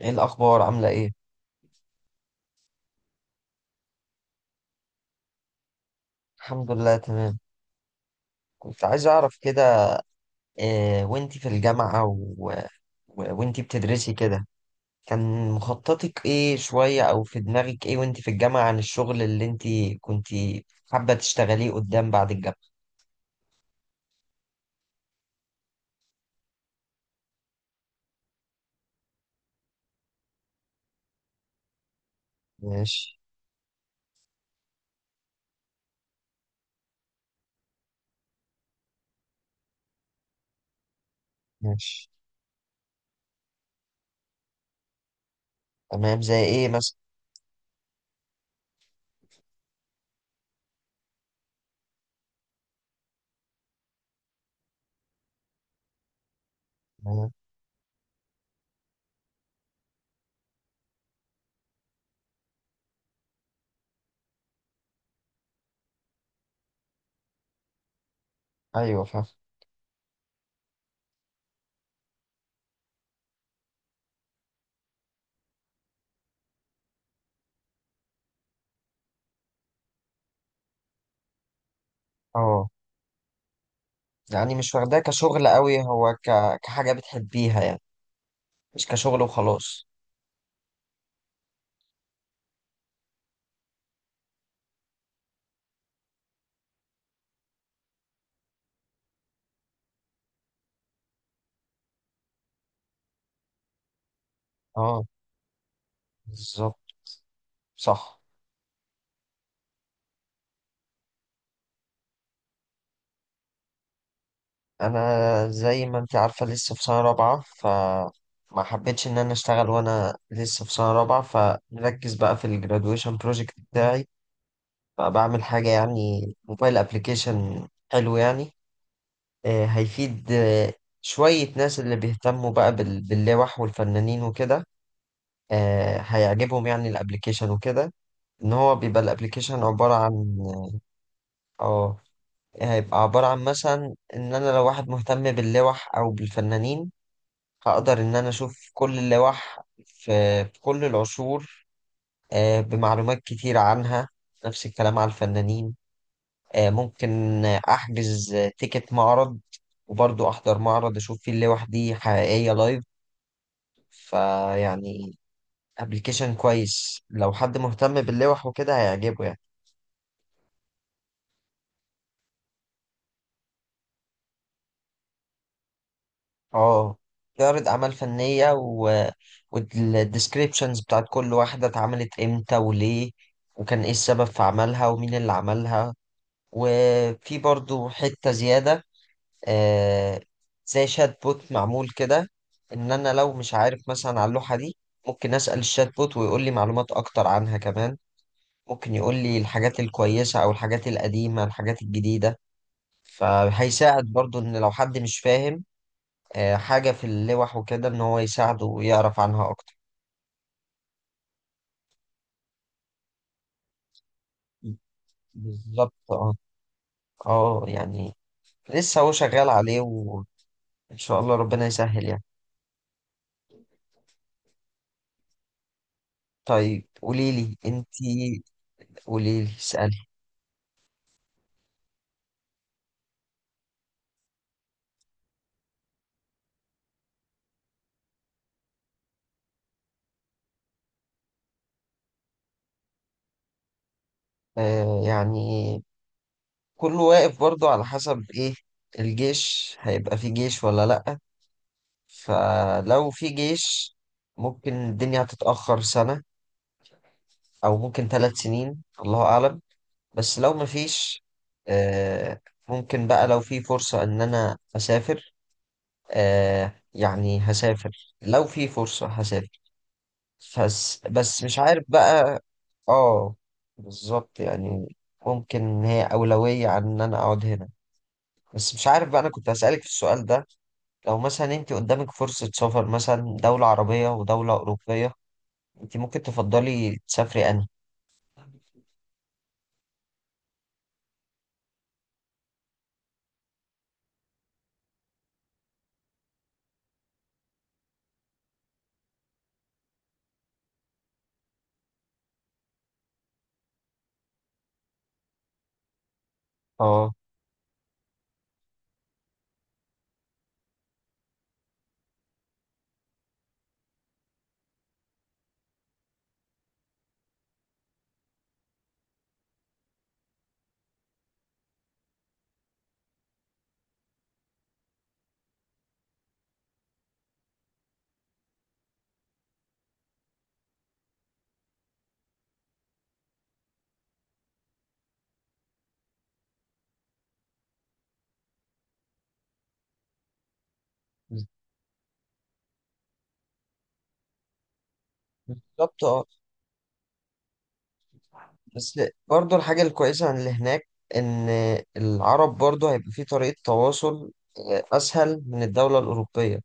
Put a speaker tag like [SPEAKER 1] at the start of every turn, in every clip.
[SPEAKER 1] ايه الاخبار؟ عامله ايه؟ الحمد لله تمام. كنت عايز اعرف كده. إيه، وانتي في الجامعه وانتي بتدرسي كده، كان مخططك ايه شويه، او في دماغك ايه وانتي في الجامعه عن الشغل اللي انتي كنتي حابه تشتغليه قدام بعد الجامعه؟ ماشي. ماشي. تمام، زي ايه مثلا؟ تمام. ايوه، فاهم. اه، يعني مش واخداه كشغل قوي، هو كحاجه بتحبيها يعني، مش كشغل وخلاص. اه، بالظبط. صح. انا زي ما انت عارفه لسه في سنه رابعه، فما حبيتش ان انا اشتغل وانا لسه في سنه رابعه، فمركز بقى في الجرادويشن بروجكت بتاعي. فبعمل حاجه يعني، موبايل ابلكيشن حلو يعني. هيفيد. شويه ناس اللي بيهتموا بقى باللوح والفنانين وكده. هيعجبهم يعني الابلكيشن وكده. ان هو بيبقى الابلكيشن عباره عن، اه، هيبقى عباره عن مثلا ان انا لو واحد مهتم باللوح او بالفنانين، هقدر إن أنا أشوف كل اللوح في كل العصور، بمعلومات كتير عنها. نفس الكلام على الفنانين. ممكن أحجز تيكت معرض، وبرضه أحضر معرض أشوف فيه اللوح دي حقيقية لايف. فيعني، أبلكيشن كويس لو حد مهتم باللوح وكده هيعجبه يعني. اه، تعرض أعمال فنية والديسكريبشنز بتاعت كل واحدة اتعملت إمتى وليه، وكان إيه السبب في عملها ومين اللي عملها. وفي برضو حتة زيادة، آه، زي شات بوت معمول كده، ان انا لو مش عارف مثلا على اللوحة دي، ممكن اسأل الشات بوت ويقول لي معلومات اكتر عنها كمان. ممكن يقول لي الحاجات الكويسة او الحاجات القديمة، الحاجات الجديدة. فهيساعد برضو ان لو حد مش فاهم حاجة في اللوح وكده، ان هو يساعده ويعرف عنها اكتر. بالظبط. اه. اه، يعني لسه هو شغال عليه، وان شاء الله ربنا يسهل يعني. طيب، قولي لي انت. قولي لي، اسألي. يعني كله واقف برضو على حسب ايه، الجيش هيبقى في جيش ولا لأ. فلو في جيش، ممكن الدنيا هتتأخر سنة، أو ممكن 3 سنين. الله أعلم. بس لو مفيش، آه ممكن بقى لو في فرصة إن أنا أسافر. يعني هسافر، لو في فرصة هسافر. بس مش عارف بقى. اه، بالظبط، يعني ممكن ان هي أولوية عن ان انا اقعد هنا. بس مش عارف بقى، انا كنت هسألك في السؤال ده. لو مثلا انت قدامك فرصة سفر مثلا دولة عربية ودولة أوروبية، انت ممكن تفضلي تسافري انهي؟ اه، بالظبط. اه، بس برضو الحاجة الكويسة عن اللي هناك، إن العرب برضو هيبقى في طريقة تواصل أسهل من الدولة الأوروبية.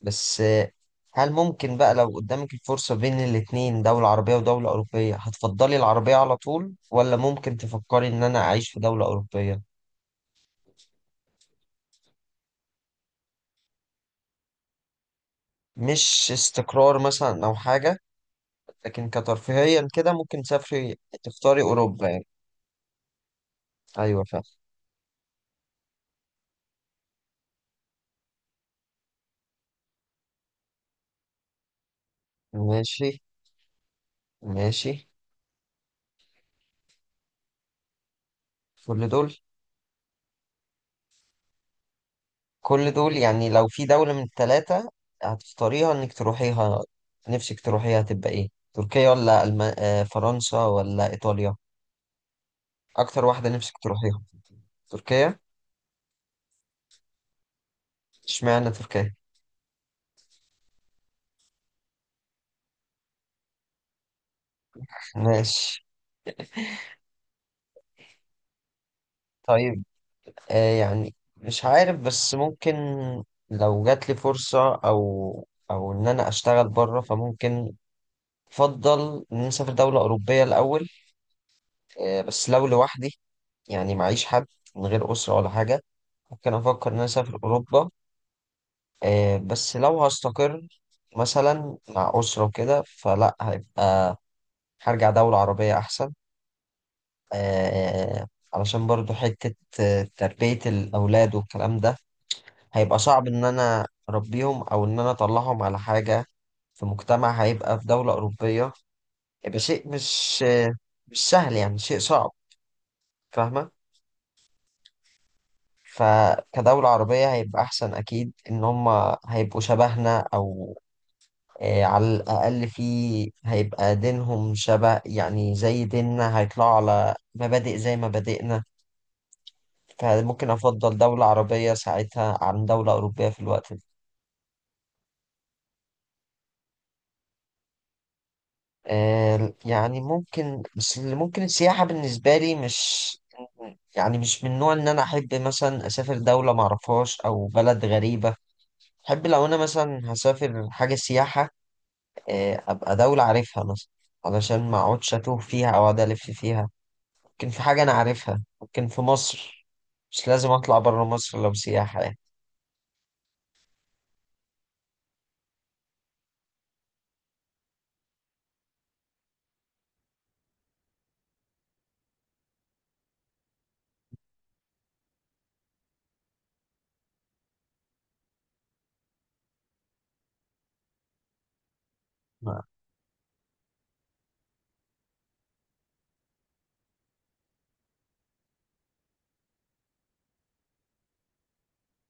[SPEAKER 1] بس، هل ممكن بقى لو قدامك الفرصة بين الاتنين دولة عربية ودولة أوروبية هتفضلي العربية على طول ولا ممكن تفكري إن أنا أعيش في دولة أوروبية؟ مش استقرار مثلا أو حاجة، لكن كترفيهيا كده ممكن تسافري تختاري أوروبا يعني؟ أيوة، فاهم. ماشي. ماشي. كل دول. كل دول يعني، لو في دولة من التلاتة هتختاريها إنك تروحيها، نفسك تروحيها هتبقى إيه؟ تركيا ولا ألم... آه، فرنسا ولا إيطاليا؟ أكتر واحدة نفسك تروحيها. تركيا. اشمعنى تركيا؟ ماشي. طيب. يعني مش عارف، بس ممكن لو جات لي فرصة او ان انا اشتغل بره، فممكن افضل ان أنا اسافر دولة اوروبية الاول. بس لو لوحدي، يعني معيش حد، من غير اسرة ولا حاجة، ممكن افكر ان انا اسافر اوروبا. بس لو هستقر مثلا مع اسرة وكده، فلا هيبقى، هرجع دولة عربية احسن. آه، علشان برضو حتة تربية الأولاد والكلام ده، هيبقى صعب إن أنا أربيهم أو إن أنا أطلعهم على حاجة في مجتمع، هيبقى في دولة أوروبية هيبقى شيء مش مش سهل يعني، شيء صعب. فاهمة؟ فكدولة عربية هيبقى أحسن أكيد، إن هما هيبقوا شبهنا، أو على الأقل في، هيبقى دينهم شبه يعني زي ديننا، هيطلعوا على مبادئ زي مبادئنا. فممكن أفضل دولة عربية ساعتها عن دولة أوروبية في الوقت ده. يعني ممكن، بس اللي ممكن السياحة بالنسبة لي مش، يعني مش من نوع إن أنا أحب مثلا أسافر دولة معرفهاش أو بلد غريبة. أحب لو أنا مثلا هسافر حاجة سياحة، أبقى دولة عارفها مثلا، علشان ما أقعدش أتوه فيها أو أقعد ألف فيها. ممكن في حاجة أنا عارفها، ممكن في مصر، مش لازم أطلع برا مصر لو سياحة يعني. ما-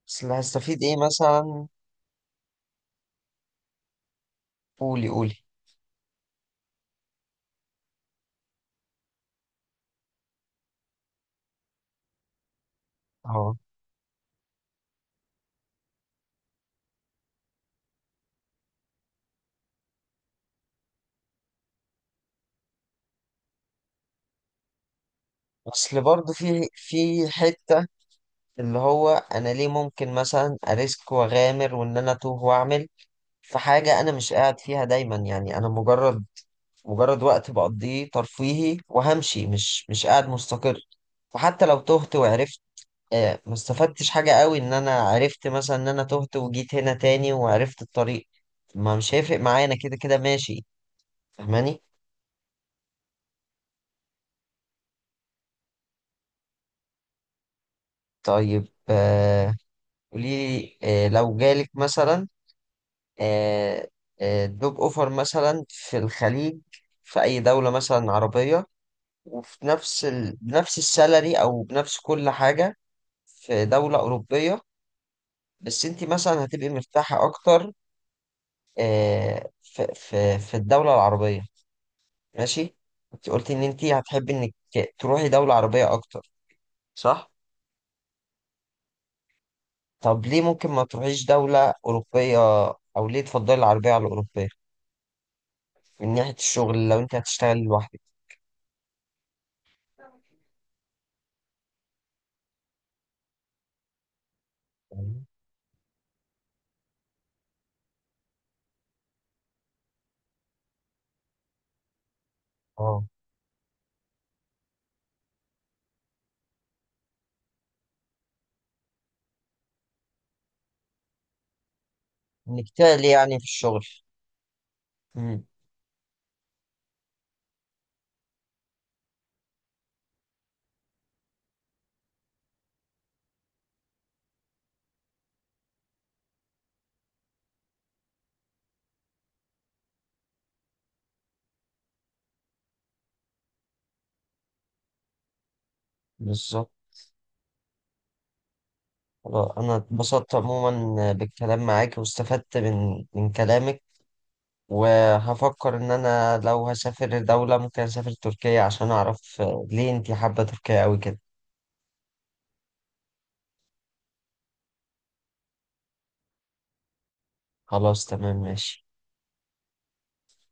[SPEAKER 1] بس اللي هستفيد إيه مثلا؟ قولي، قولي. أهو. اصل برضه في حته، اللي هو، انا ليه ممكن مثلا اريسك واغامر وان انا اتوه واعمل في حاجه انا مش قاعد فيها دايما، يعني انا مجرد، مجرد وقت بقضيه ترفيهي وهمشي، مش قاعد مستقر. فحتى لو تهت وعرفت، ما استفدتش حاجه قوي ان انا عرفت مثلا ان انا تهت وجيت هنا تاني وعرفت الطريق. ما مش هيفرق معايا، انا كده كده ماشي. فاهماني؟ طيب، قولي لي، لو جالك مثلا آه، جوب اوفر مثلا في الخليج، في اي دولة مثلا عربية، وفي نفس بنفس السالري او بنفس كل حاجة في دولة اوروبية، بس انت مثلا هتبقي مرتاحة اكتر في الدولة العربية. ماشي. انت قلتي ان انت هتحبي انك تروحي دولة عربية اكتر، صح؟ طب، ليه ممكن ما تروحيش دولة اوروبية، او ليه تفضلي العربية على الاوروبية من ناحية الشغل لو انت هتشتغلي لوحدك؟ اه. نجتهد يعني في الشغل. مم. بالظبط. خلاص. أنا اتبسطت عموما بالكلام معاك، واستفدت من كلامك، وهفكر إن أنا لو هسافر دولة ممكن أسافر تركيا عشان أعرف ليه أنتي حابة تركيا أوي كده. خلاص، تمام، ماشي.